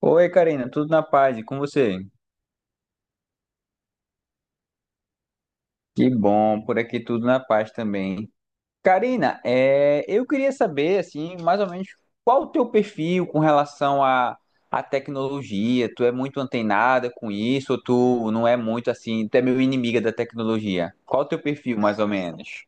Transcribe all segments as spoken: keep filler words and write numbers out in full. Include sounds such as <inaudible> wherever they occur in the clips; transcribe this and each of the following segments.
Oi, Karina, tudo na paz? E com você? Que bom, por aqui tudo na paz também. Karina, é, eu queria saber, assim, mais ou menos, qual o teu perfil com relação à à tecnologia? Tu é muito antenada com isso ou tu não é muito, assim, tu é meio inimiga da tecnologia? Qual o teu perfil, mais ou menos?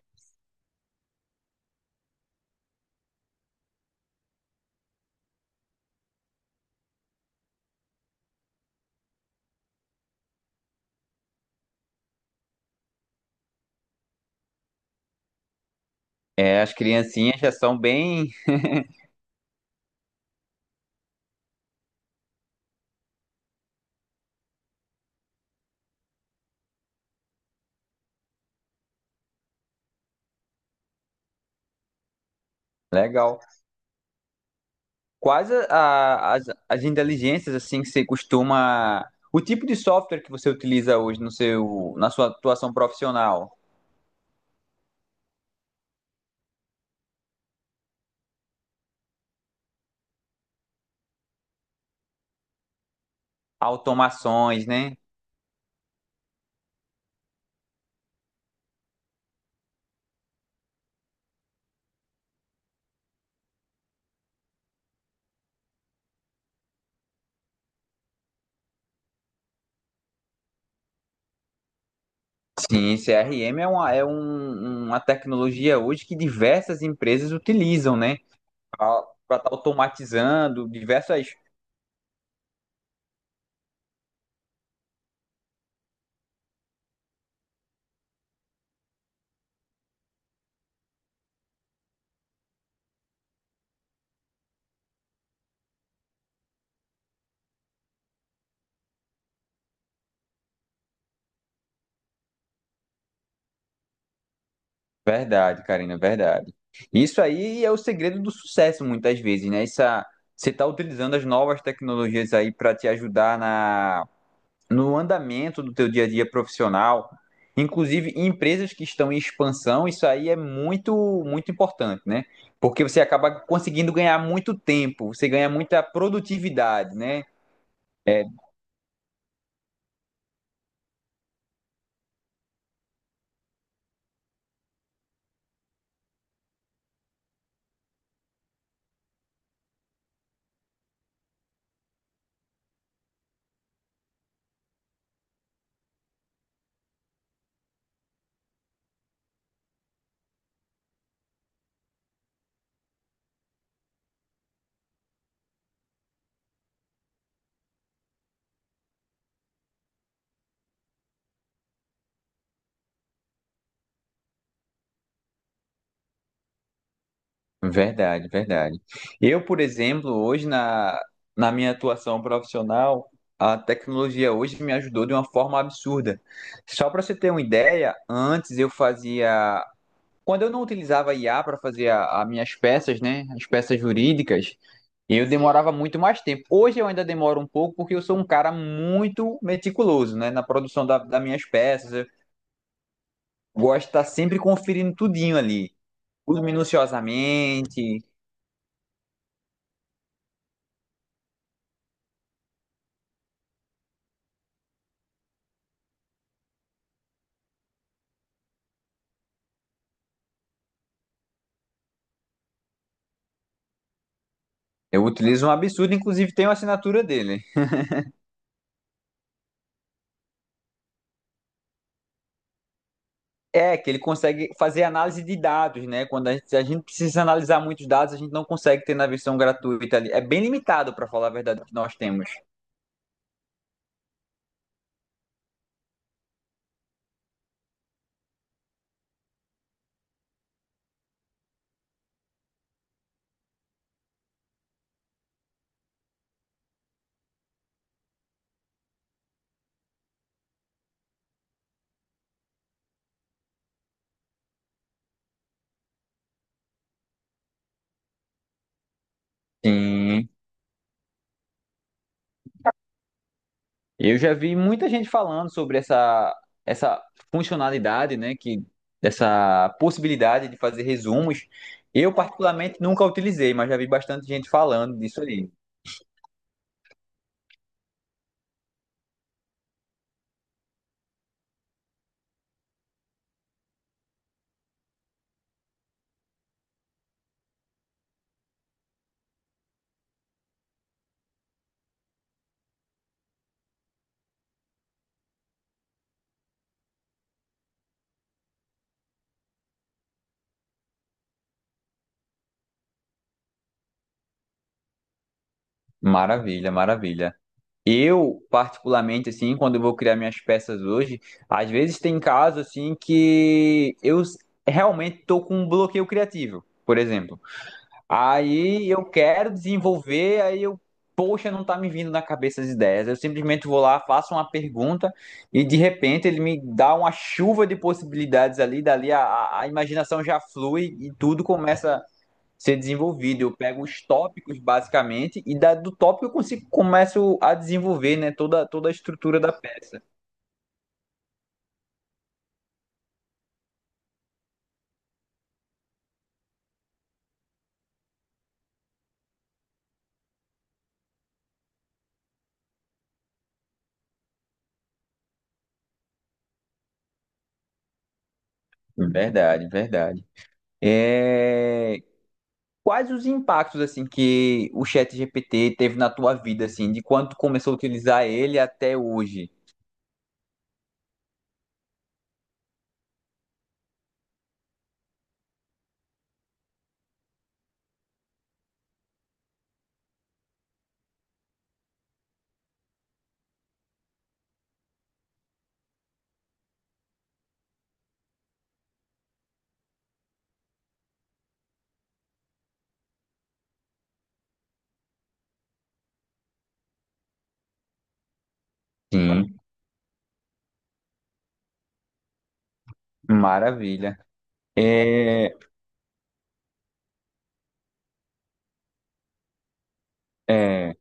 É, as criancinhas já são bem... Legal. Quais a- a- as, as inteligências assim que você costuma, o tipo de software que você utiliza hoje no seu, na sua atuação profissional? Automações, né? Sim, C R M é uma, é um- uma tecnologia hoje que diversas empresas utilizam, né? Para estar automatizando diversas. Verdade, Karina, verdade. Isso aí é o segredo do sucesso, muitas vezes, né? Essa, você está utilizando as novas tecnologias aí para te ajudar na no andamento do teu dia a dia profissional, inclusive em empresas que estão em expansão, isso aí é muito, muito importante, né? Porque você acaba conseguindo ganhar muito tempo, você ganha muita produtividade, né? É verdade, verdade. Eu, por exemplo, hoje na, na minha atuação profissional, a tecnologia hoje me ajudou de uma forma absurda. Só para você ter uma ideia, antes eu fazia. Quando eu não utilizava I A para fazer a- as minhas peças, né? As peças jurídicas, e eu demorava muito mais tempo. Hoje eu ainda demoro um pouco porque eu sou um cara muito meticuloso, né? Na produção da, das minhas peças. Eu gosto de estar sempre conferindo tudinho ali. Tudo minuciosamente. Eu utilizo um absurdo, inclusive tem uma assinatura dele. É, que ele consegue fazer análise de dados, né? Quando a gente, se a gente precisa analisar muitos dados, a gente não consegue ter na versão gratuita ali. É bem limitado, para falar a verdade, o que nós temos. Sim. Eu já vi muita gente falando sobre essa, essa funcionalidade, né, que essa possibilidade de fazer resumos. Eu particularmente nunca utilizei, mas já vi bastante gente falando disso aí. Maravilha, maravilha. Eu particularmente assim, quando eu vou criar minhas peças hoje, às vezes tem casos assim que eu s- realmente estou com um bloqueio criativo, por exemplo. Aí eu quero desenvolver, aí eu, Poxa, não tá me vindo na cabeça as ideias. Eu simplesmente vou lá, faço uma pergunta e de repente ele me dá uma chuva de possibilidades ali, dali a, a a imaginação já flui e tudo começa a ser desenvolvido. Eu pego os tópicos basicamente e da, Do tópico eu consigo, começo a desenvolver, né, toda, toda a estrutura da peça. Verdade, verdade. É, Quais os impactos assim que o chat G P T teve na tua vida assim, de quando tu começou a utilizar ele até hoje? Sim, maravilha. É, é,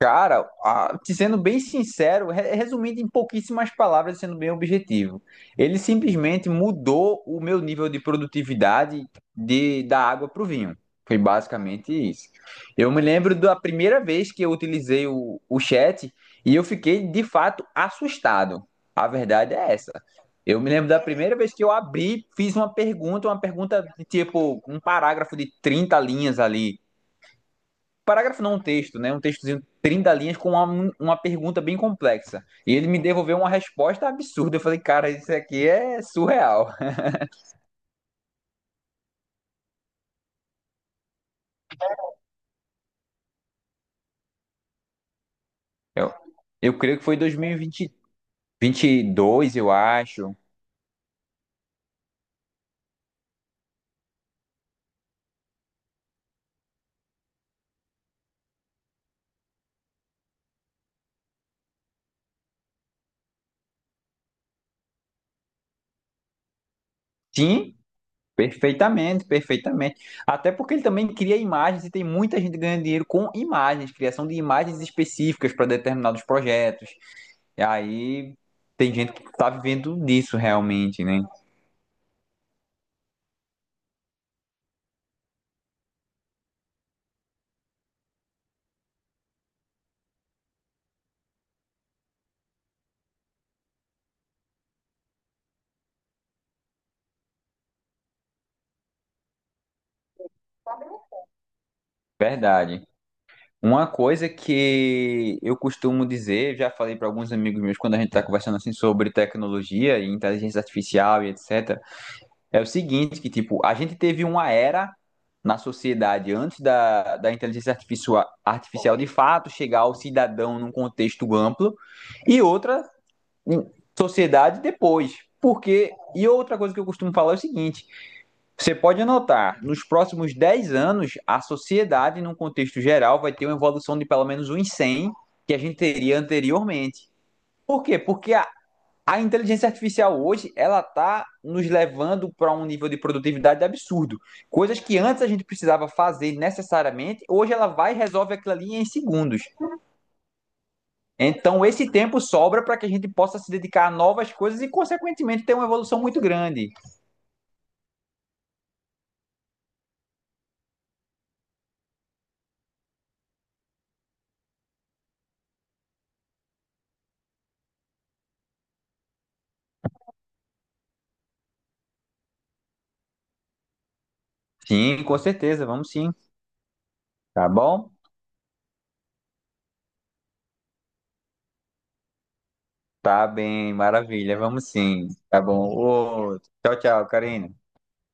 Cara, a- te sendo bem sincero, re- resumindo em pouquíssimas palavras, sendo bem objetivo, ele simplesmente mudou o meu nível de produtividade de, da água para o vinho. Foi basicamente isso. Eu me lembro da primeira vez que eu utilizei o, o chat e eu fiquei de fato assustado. A verdade é essa. Eu me lembro da primeira vez que eu abri, fiz uma pergunta, uma pergunta de tipo um parágrafo de trinta linhas ali, parágrafo não, um texto, né? Um textozinho de trinta linhas com uma, uma pergunta bem complexa. E ele me devolveu uma resposta absurda. Eu falei, cara, isso aqui é surreal. <laughs> Eu, eu creio que foi dois mil e vinte e dois, eu acho. Sim, perfeitamente, perfeitamente. Até porque ele também cria imagens e tem muita gente ganhando dinheiro com imagens, criação de imagens específicas para determinados projetos. E aí tem gente que tá vivendo disso realmente, né? Verdade. Uma coisa que eu costumo dizer, já falei para alguns amigos meus quando a gente está conversando assim sobre tecnologia e inteligência artificial e etc, é o seguinte, que tipo, a gente teve uma era na sociedade antes da, da inteligência artificial, artificial de fato chegar ao cidadão num contexto amplo e outra em sociedade depois. Porque, e outra coisa que eu costumo falar é o seguinte, você pode notar, nos próximos dez anos, a sociedade, num contexto geral, vai ter uma evolução de pelo menos uns cem que a gente teria anteriormente. Por quê? Porque a, a inteligência artificial hoje, ela está nos levando para um nível de produtividade absurdo. Coisas que antes a gente precisava fazer necessariamente, hoje ela vai e resolve aquilo ali em segundos. Então, esse tempo sobra para que a gente possa se dedicar a novas coisas e, consequentemente, ter uma evolução muito grande. Sim, com certeza, vamos sim. Tá bom? Tá bem, maravilha. Vamos sim. Tá bom. Ô, tchau, tchau, Karina.